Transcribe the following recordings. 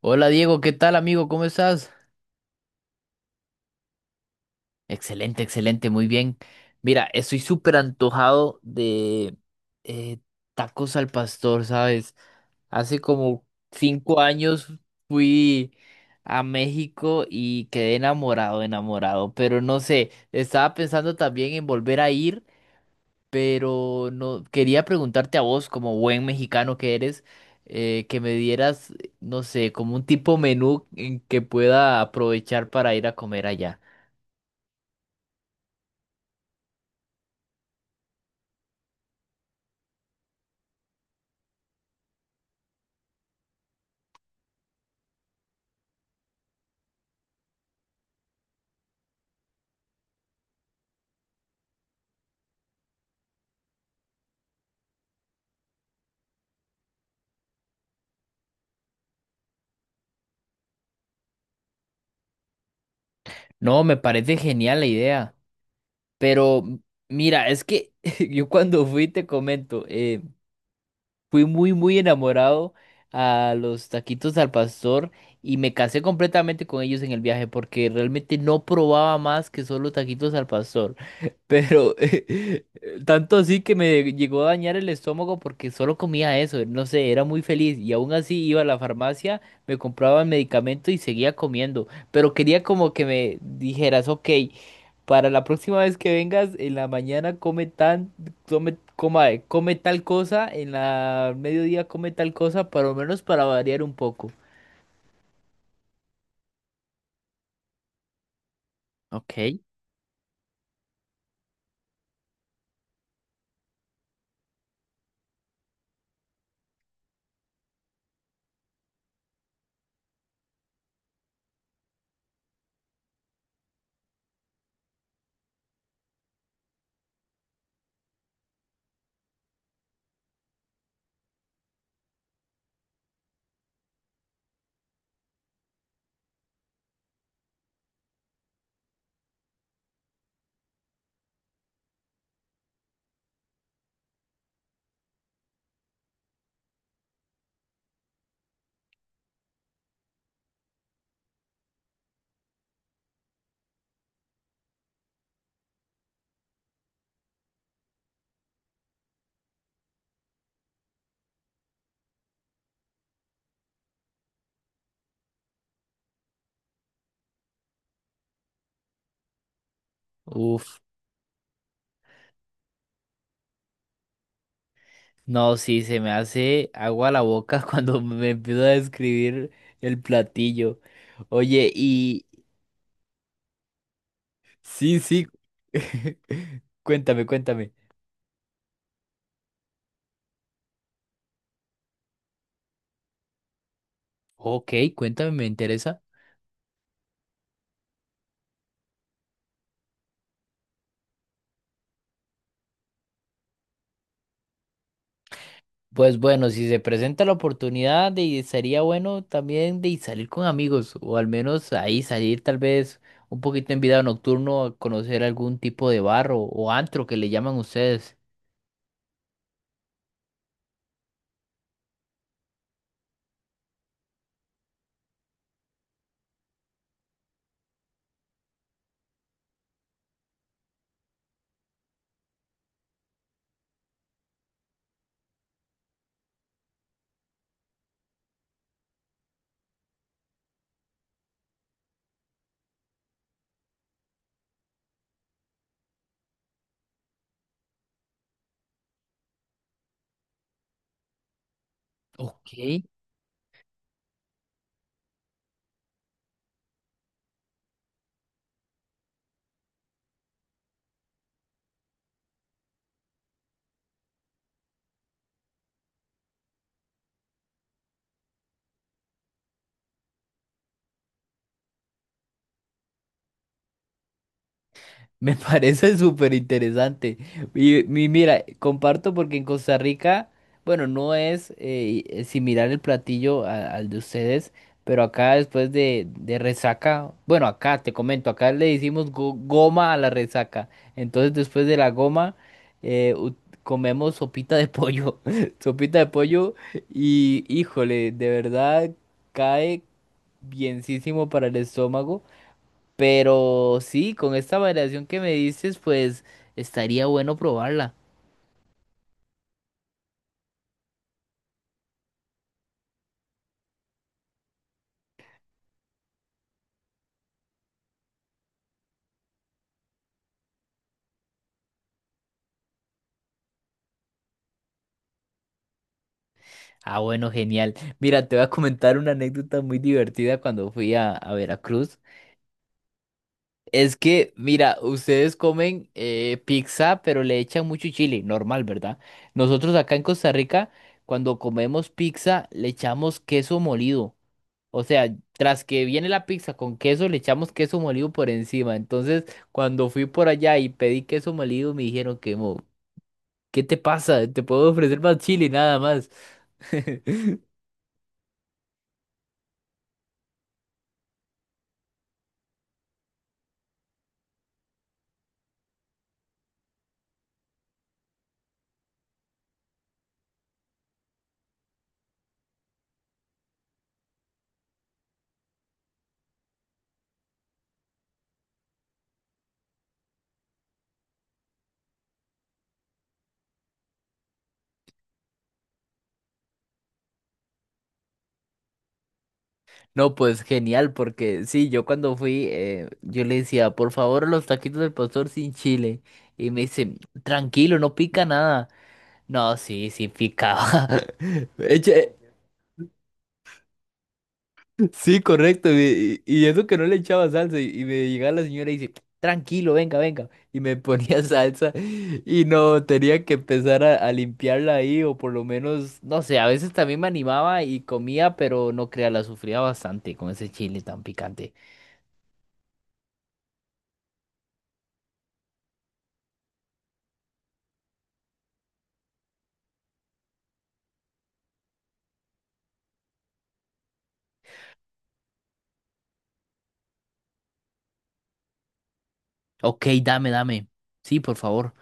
Hola Diego, ¿qué tal, amigo? ¿Cómo estás? Excelente, excelente, muy bien. Mira, estoy súper antojado de eh, tacos al pastor, ¿sabes? Hace como 5 años fui a México y quedé enamorado, enamorado, pero no sé, estaba pensando también en volver a ir, pero no quería preguntarte a vos, como buen mexicano que eres, que me dieras, no sé, como un tipo menú en que pueda aprovechar para ir a comer allá. No, me parece genial la idea, pero mira, es que yo cuando fui, te comento, fui muy, muy enamorado a los taquitos al pastor y me casé completamente con ellos en el viaje porque realmente no probaba más que solo taquitos al pastor. Pero tanto así que me llegó a dañar el estómago porque solo comía eso, no sé, era muy feliz y aún así iba a la farmacia, me compraba el medicamento y seguía comiendo, pero quería como que me dijeras: ok, para la próxima vez que vengas en la mañana come tan, come, coma, come tal cosa, en la mediodía come tal cosa, por lo menos para variar un poco. Ok, uf. No, sí, se me hace agua a la boca cuando me empiezo a describir el platillo. Oye, y sí, sí. Cuéntame, cuéntame. Ok, cuéntame, me interesa. Pues bueno, si se presenta la oportunidad, sería bueno también de salir con amigos, o al menos ahí salir tal vez un poquito en vida nocturno a conocer algún tipo de bar o antro que le llaman ustedes. Ok. Me parece súper interesante. Y, mira, comparto porque en Costa Rica, bueno, no es similar el platillo al de ustedes, pero acá después de resaca, bueno, acá te comento, acá le hicimos goma a la resaca. Entonces después de la goma eh, u- comemos sopita de pollo, sopita de pollo y híjole, de verdad cae bienísimo para el estómago. Pero sí, con esta variación que me dices, pues estaría bueno probarla. Ah, bueno, genial. Mira, te voy a comentar una anécdota muy divertida cuando fui a Veracruz. Es que, mira, ustedes comen pizza, pero le echan mucho chile, normal, ¿verdad? Nosotros acá en Costa Rica, cuando comemos pizza, le echamos queso molido. O sea, tras que viene la pizza con queso, le echamos queso molido por encima. Entonces, cuando fui por allá y pedí queso molido, me dijeron que ¿qué te pasa? Te puedo ofrecer más chile, nada más. No, pues genial, porque sí, yo cuando fui, yo le decía, por favor, los taquitos del pastor sin chile. Y me dice, tranquilo, no pica nada. No, sí, sí picaba. Eche. Sí, correcto. Y eso que no le echaba salsa. Y me llegaba la señora y dice, tranquilo, venga, venga. Y me ponía salsa. Y no, tenía que empezar a limpiarla ahí. O por lo menos, no sé, a veces también me animaba y comía, pero no crea, la sufría bastante con ese chile tan picante. Ok, dame, dame. Sí, por favor.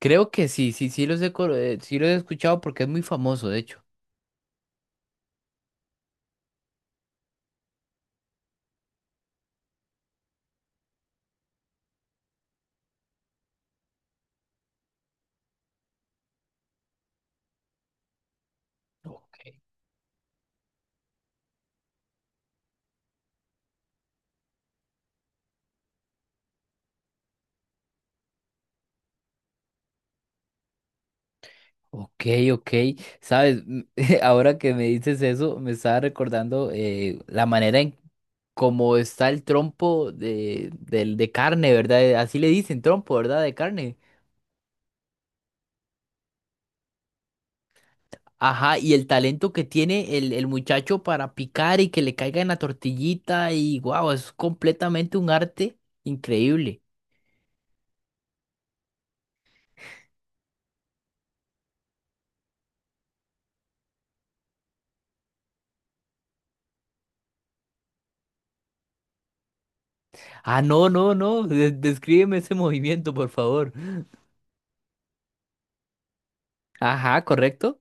Creo que sí, sí, sí los he, sí los he escuchado porque es muy famoso, de hecho. Ok. Ok, ok, sabes, ahora que me dices eso, me estaba recordando la manera en cómo está el trompo de carne, ¿verdad? Así le dicen, trompo, ¿verdad? De carne. Ajá, y el talento que tiene el muchacho para picar y que le caiga en la tortillita y wow, es completamente un arte increíble. Ah, no, no, no, descríbeme ese movimiento, por favor. Ajá, correcto.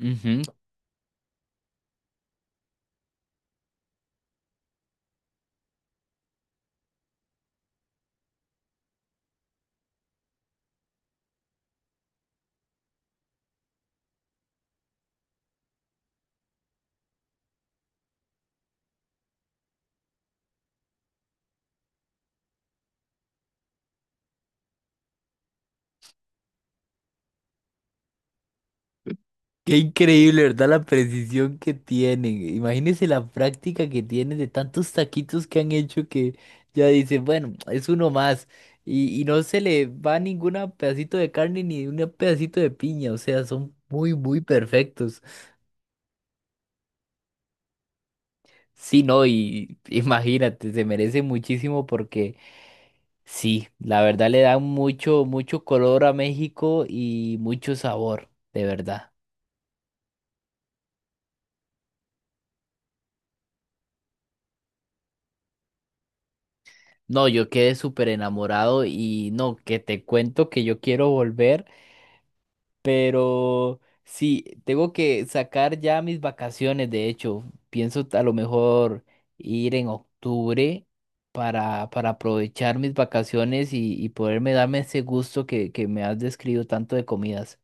Ujú. Qué increíble, ¿verdad? La precisión que tienen. Imagínense la práctica que tienen de tantos taquitos que han hecho que ya dicen, bueno, es uno más. Y no se le va ningún pedacito de carne ni un pedacito de piña. O sea, son muy, muy perfectos. Sí, no, y imagínate, se merece muchísimo porque sí, la verdad le dan mucho, mucho color a México y mucho sabor, de verdad. No, yo quedé súper enamorado y no, que te cuento que yo quiero volver, pero sí, tengo que sacar ya mis vacaciones, de hecho, pienso a lo mejor ir en octubre para aprovechar mis vacaciones y poderme darme ese gusto que me has descrito tanto de comidas.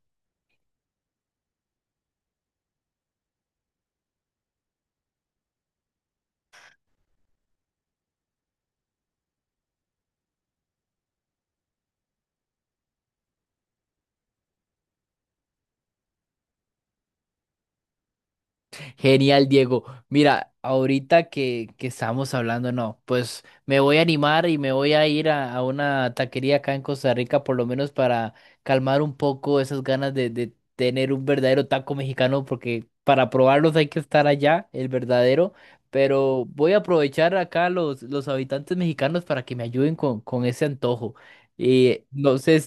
Genial, Diego. Mira, ahorita que estamos hablando, no, pues me voy a animar y me voy a ir a una taquería acá en Costa Rica, por lo menos para calmar un poco esas ganas de tener un verdadero taco mexicano, porque para probarlos hay que estar allá, el verdadero. Pero voy a aprovechar acá los habitantes mexicanos para que me ayuden con ese antojo. Y no sé.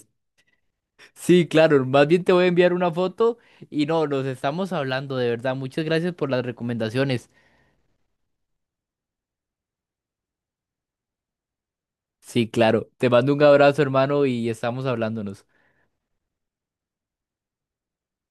Sí, claro, más bien te voy a enviar una foto y no, nos estamos hablando, de verdad. Muchas gracias por las recomendaciones. Sí, claro. Te mando un abrazo, hermano, y estamos hablándonos.